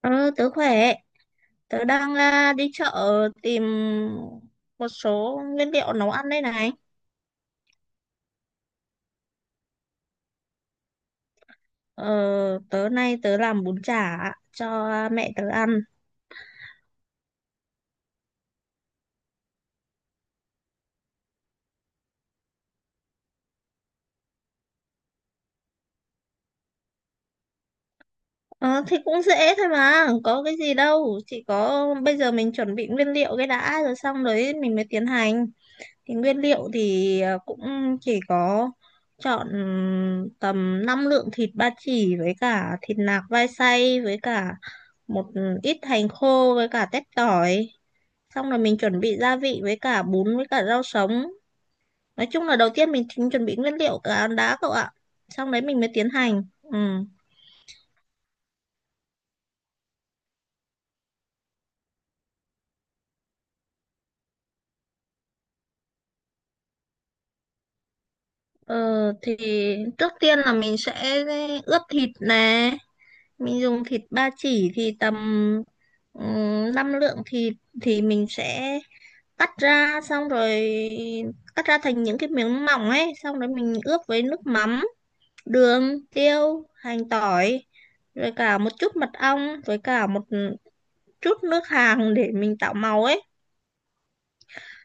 Ờ, tớ khỏe. Tớ đang đi chợ tìm một số nguyên liệu nấu ăn đây này. Ờ, tớ nay tớ làm bún chả cho mẹ tớ ăn. Ờ, thì cũng dễ thôi mà, có cái gì đâu. Chỉ có bây giờ mình chuẩn bị nguyên liệu cái đã rồi xong đấy mình mới tiến hành. Thì nguyên liệu thì cũng chỉ có chọn tầm 5 lượng thịt ba chỉ với cả thịt nạc vai xay với cả một ít hành khô với cả tép tỏi, xong rồi mình chuẩn bị gia vị với cả bún với cả rau sống. Nói chung là đầu tiên mình chính chuẩn bị nguyên liệu cả ăn đá cậu ạ, xong đấy mình mới tiến hành. Ừ. Ờ, thì trước tiên là mình sẽ ướp thịt nè. Mình dùng thịt ba chỉ thì tầm ừ, 5 lượng thịt, thì mình sẽ cắt ra, xong rồi cắt ra thành những cái miếng mỏng ấy, xong rồi mình ướp với nước mắm, đường, tiêu, hành, tỏi, rồi cả một chút mật ong với cả một chút nước hàng để mình tạo màu ấy.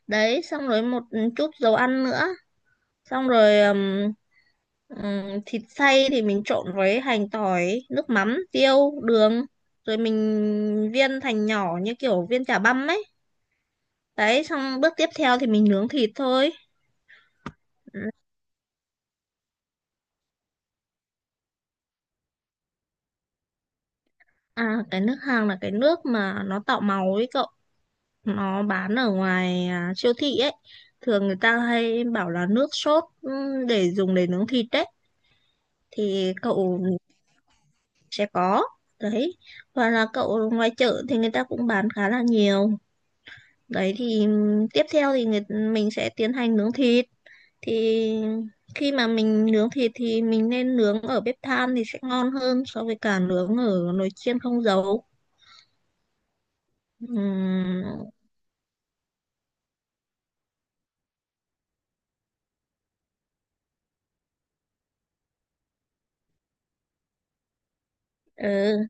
Đấy xong rồi một chút dầu ăn nữa. Xong rồi thịt xay thì mình trộn với hành, tỏi, nước mắm, tiêu, đường, rồi mình viên thành nhỏ như kiểu viên chả băm ấy. Đấy, xong bước tiếp theo thì mình nướng thịt thôi. Cái nước hàng là cái nước mà nó tạo màu ấy cậu, nó bán ở ngoài siêu thị ấy, thường người ta hay bảo là nước sốt để dùng để nướng thịt đấy thì cậu sẽ có. Đấy, hoặc là cậu ngoài chợ thì người ta cũng bán khá là nhiều. Đấy thì tiếp theo thì mình sẽ tiến hành nướng thịt. Thì khi mà mình nướng thịt thì mình nên nướng ở bếp than thì sẽ ngon hơn so với cả nướng ở nồi chiên không dầu. Ừm, ừ.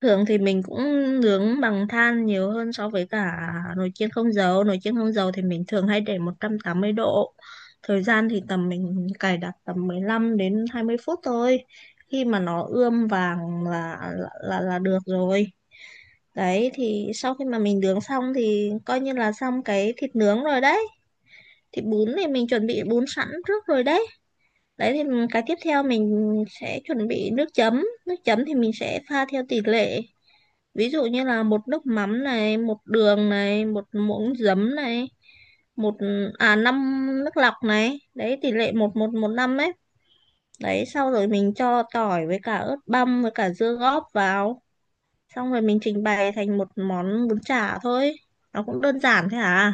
Thường thì mình cũng nướng bằng than nhiều hơn so với cả nồi chiên không dầu. Nồi chiên không dầu thì mình thường hay để 180 độ. Thời gian thì tầm mình cài đặt tầm 15 đến 20 phút thôi. Khi mà nó ươm vàng là được rồi. Đấy thì sau khi mà mình nướng xong thì coi như là xong cái thịt nướng rồi đấy. Thịt bún thì mình chuẩn bị bún sẵn trước rồi đấy. Đấy thì cái tiếp theo mình sẽ chuẩn bị nước chấm. Nước chấm thì mình sẽ pha theo tỷ lệ, ví dụ như là một nước mắm này, một đường này, một muỗng giấm này, một à năm nước lọc này, đấy tỷ lệ một một một năm ấy. Đấy sau rồi mình cho tỏi với cả ớt băm với cả dưa góp vào, xong rồi mình trình bày thành một món bún chả thôi, nó cũng đơn giản thế à.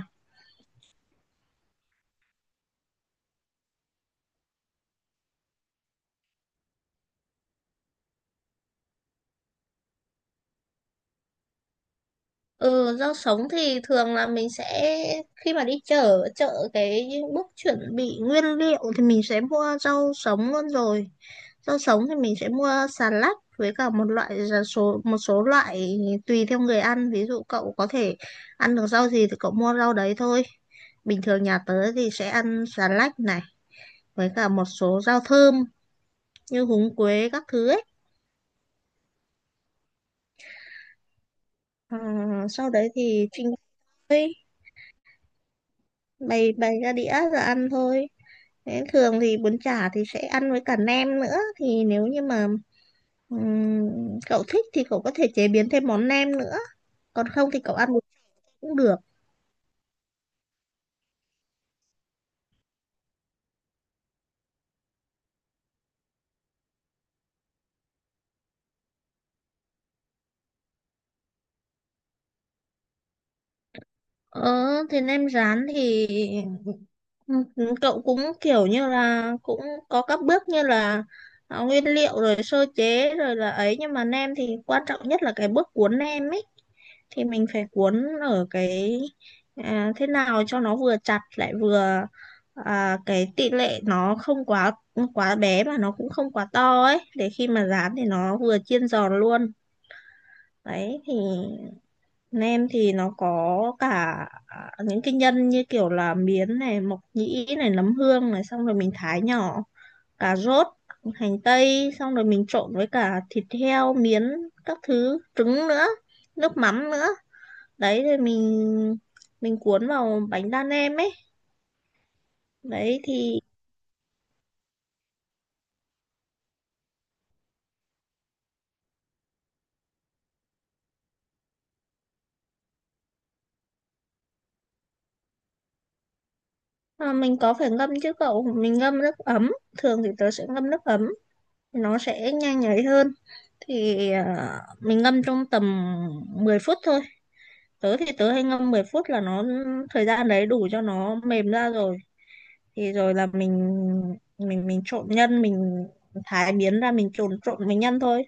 Ừ, rau sống thì thường là mình sẽ, khi mà đi chợ chợ cái bước chuẩn bị nguyên liệu thì mình sẽ mua rau sống luôn rồi. Rau sống thì mình sẽ mua xà lách với cả một loại là số một số loại tùy theo người ăn. Ví dụ cậu có thể ăn được rau gì thì cậu mua rau đấy thôi. Bình thường nhà tớ thì sẽ ăn xà lách này với cả một số rau thơm như húng quế các thứ ấy. À, sau đấy thì trình bày bày bày ra đĩa rồi ăn thôi. Thế thường thì bún chả thì sẽ ăn với cả nem nữa, thì nếu như mà cậu thích thì cậu có thể chế biến thêm món nem nữa, còn không thì cậu ăn bún cũng được. Ờ, thế nem rán thì Ừ, cậu cũng kiểu như là cũng có các bước như là nguyên liệu rồi sơ chế rồi là ấy, nhưng mà nem thì quan trọng nhất là cái bước cuốn nem ấy. Thì mình phải cuốn ở cái thế nào cho nó vừa chặt lại vừa cái tỷ lệ nó không quá quá bé mà nó cũng không quá to ấy, để khi mà rán thì nó vừa chiên giòn luôn. Đấy thì bên em thì nó có cả những cái nhân như kiểu là miến này, mộc nhĩ này, nấm hương này, xong rồi mình thái nhỏ, cà rốt, hành tây, xong rồi mình trộn với cả thịt heo, miến, các thứ, trứng nữa, nước mắm nữa. Đấy rồi mình cuốn vào bánh đa nem ấy. Đấy thì mình có phải ngâm chứ cậu, mình ngâm nước ấm, thường thì tớ sẽ ngâm nước ấm, nó sẽ nhanh nhảy hơn. Thì mình ngâm trong tầm 10 phút thôi, tớ thì tớ hay ngâm 10 phút là nó, thời gian đấy đủ cho nó mềm ra rồi. Thì rồi là mình trộn nhân, mình thái miến ra mình trộn trộn mình nhân thôi.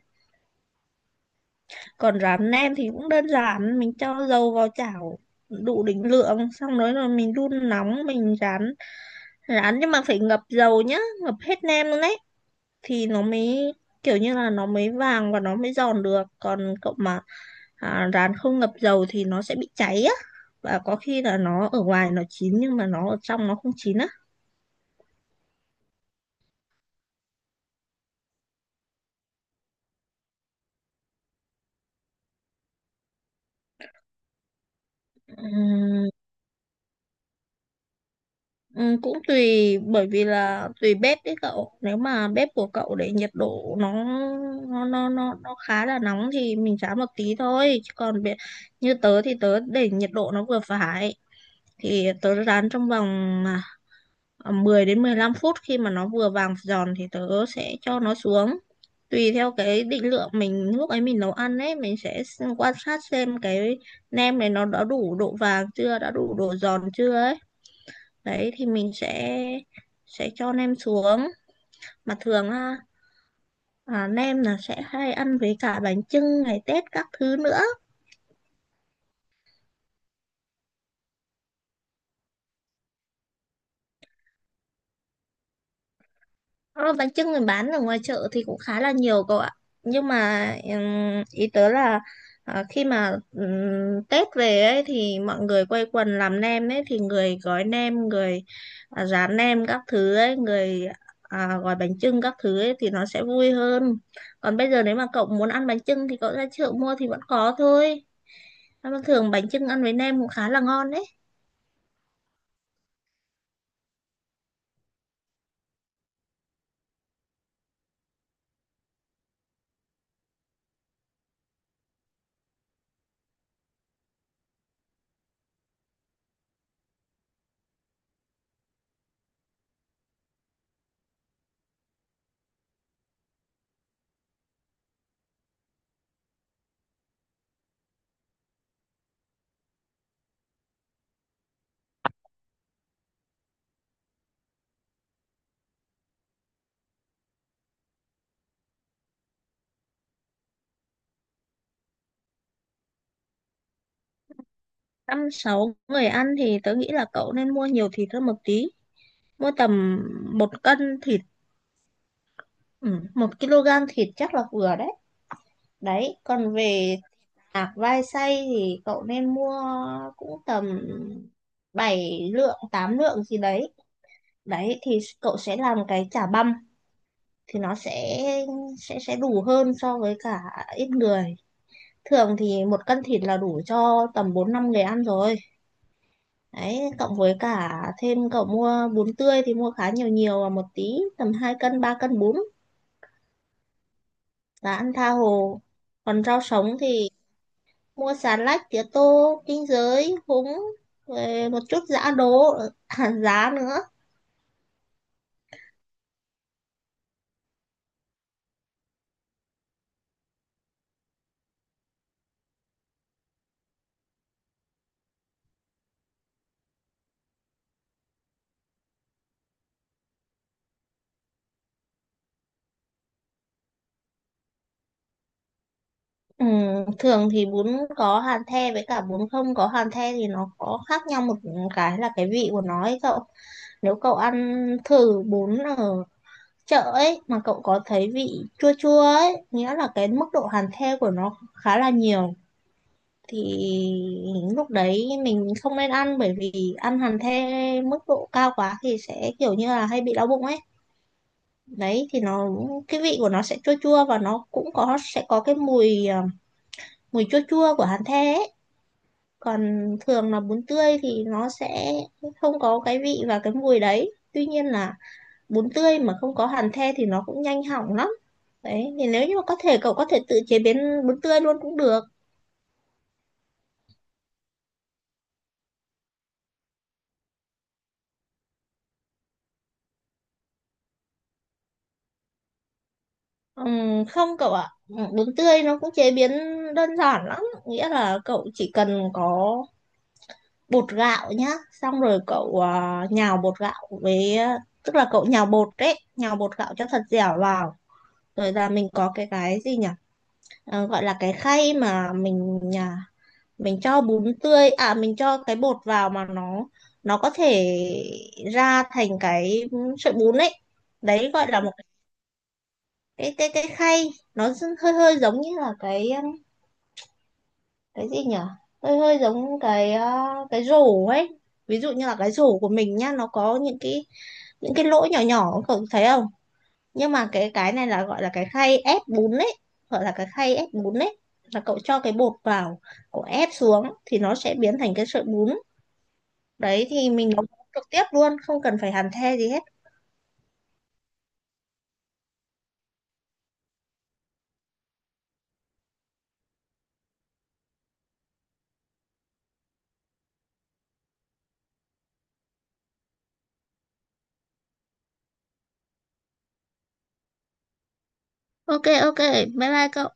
Còn rán nem thì cũng đơn giản, mình cho dầu vào chảo đủ định lượng, xong rồi rồi mình đun nóng, mình rán rán nhưng mà phải ngập dầu nhá, ngập hết nem luôn đấy thì nó mới kiểu như là nó mới vàng và nó mới giòn được. Còn cậu mà rán không ngập dầu thì nó sẽ bị cháy á, và có khi là nó ở ngoài nó chín nhưng mà nó ở trong nó không chín á. Ừm, cũng tùy, bởi vì là tùy bếp đấy cậu, nếu mà bếp của cậu để nhiệt độ nó khá là nóng thì mình rán một tí thôi, chứ còn như tớ thì tớ để nhiệt độ nó vừa phải, thì tớ rán trong vòng à, 10 đến 15 phút, khi mà nó vừa vàng giòn thì tớ sẽ cho nó xuống. Tùy theo cái định lượng mình lúc ấy mình nấu ăn ấy, mình sẽ quan sát xem cái nem này nó đã đủ độ vàng chưa, đã đủ độ giòn chưa ấy. Đấy thì mình sẽ cho nem xuống. Mà thường á, nem là sẽ hay ăn với cả bánh chưng ngày Tết các thứ nữa. Ờ, bánh chưng mình bán ở ngoài chợ thì cũng khá là nhiều cậu ạ. Nhưng mà ý tớ là khi mà Tết về ấy thì mọi người quây quần làm nem ấy, thì người gói nem, người rán nem các thứ ấy, người gói bánh chưng các thứ ấy thì nó sẽ vui hơn. Còn bây giờ nếu mà cậu muốn ăn bánh chưng thì cậu ra chợ mua thì vẫn có thôi. Nhưng mà thường bánh chưng ăn với nem cũng khá là ngon đấy. Năm sáu người ăn thì tớ nghĩ là cậu nên mua nhiều thịt hơn một tí. Mua tầm 1 cân thịt. Ừ, 1 kg thịt chắc là vừa đấy. Đấy, còn về tạc vai xay thì cậu nên mua cũng tầm 7 lượng, 8 lượng gì đấy. Đấy thì cậu sẽ làm cái chả băm thì nó sẽ đủ hơn so với cả ít người. Thường thì 1 cân thịt là đủ cho tầm 4 5 người ăn rồi. Đấy, cộng với cả thêm cậu mua bún tươi thì mua khá nhiều nhiều và một tí, tầm 2 cân, 3 cân bún là ăn tha hồ. Còn rau sống thì mua xà lách, tía tô, kinh giới, húng, rồi một chút giã đỗ hạt giá nữa. Ừ, thường thì bún có hàn the với cả bún không có hàn the thì nó có khác nhau một cái là cái vị của nó ấy cậu. Nếu cậu ăn thử bún ở chợ ấy mà cậu có thấy vị chua chua ấy, nghĩa là cái mức độ hàn the của nó khá là nhiều, thì lúc đấy mình không nên ăn, bởi vì ăn hàn the mức độ cao quá thì sẽ kiểu như là hay bị đau bụng ấy. Đấy thì nó, cái vị của nó sẽ chua chua, và nó cũng có sẽ có cái mùi mùi chua chua của hàn the ấy. Còn thường là bún tươi thì nó sẽ không có cái vị và cái mùi đấy, tuy nhiên là bún tươi mà không có hàn the thì nó cũng nhanh hỏng lắm. Đấy thì nếu như mà có thể cậu có thể tự chế biến bún tươi luôn cũng được. Không cậu ạ. Ừ, bún tươi nó cũng chế biến đơn giản lắm, nghĩa là cậu chỉ cần có bột gạo nhá, xong rồi cậu nhào bột gạo với tức là cậu nhào bột đấy, nhào bột gạo cho thật dẻo vào, rồi là mình có cái gì nhỉ. Ờ, gọi là cái khay mà mình cho bún tươi mình cho cái bột vào mà nó có thể ra thành cái sợi bún ấy. Đấy gọi là một cái khay, nó hơi hơi giống như là cái gì nhỉ, hơi hơi giống cái rổ ấy. Ví dụ như là cái rổ của mình nhá, nó có những cái lỗ nhỏ nhỏ cậu thấy không. Nhưng mà cái này là gọi là cái khay ép bún đấy, gọi là cái khay ép bún đấy, là cậu cho cái bột vào, cậu ép xuống thì nó sẽ biến thành cái sợi bún. Đấy thì mình nấu trực tiếp luôn, không cần phải hàn the gì hết. Ok ok, bye bye cậu.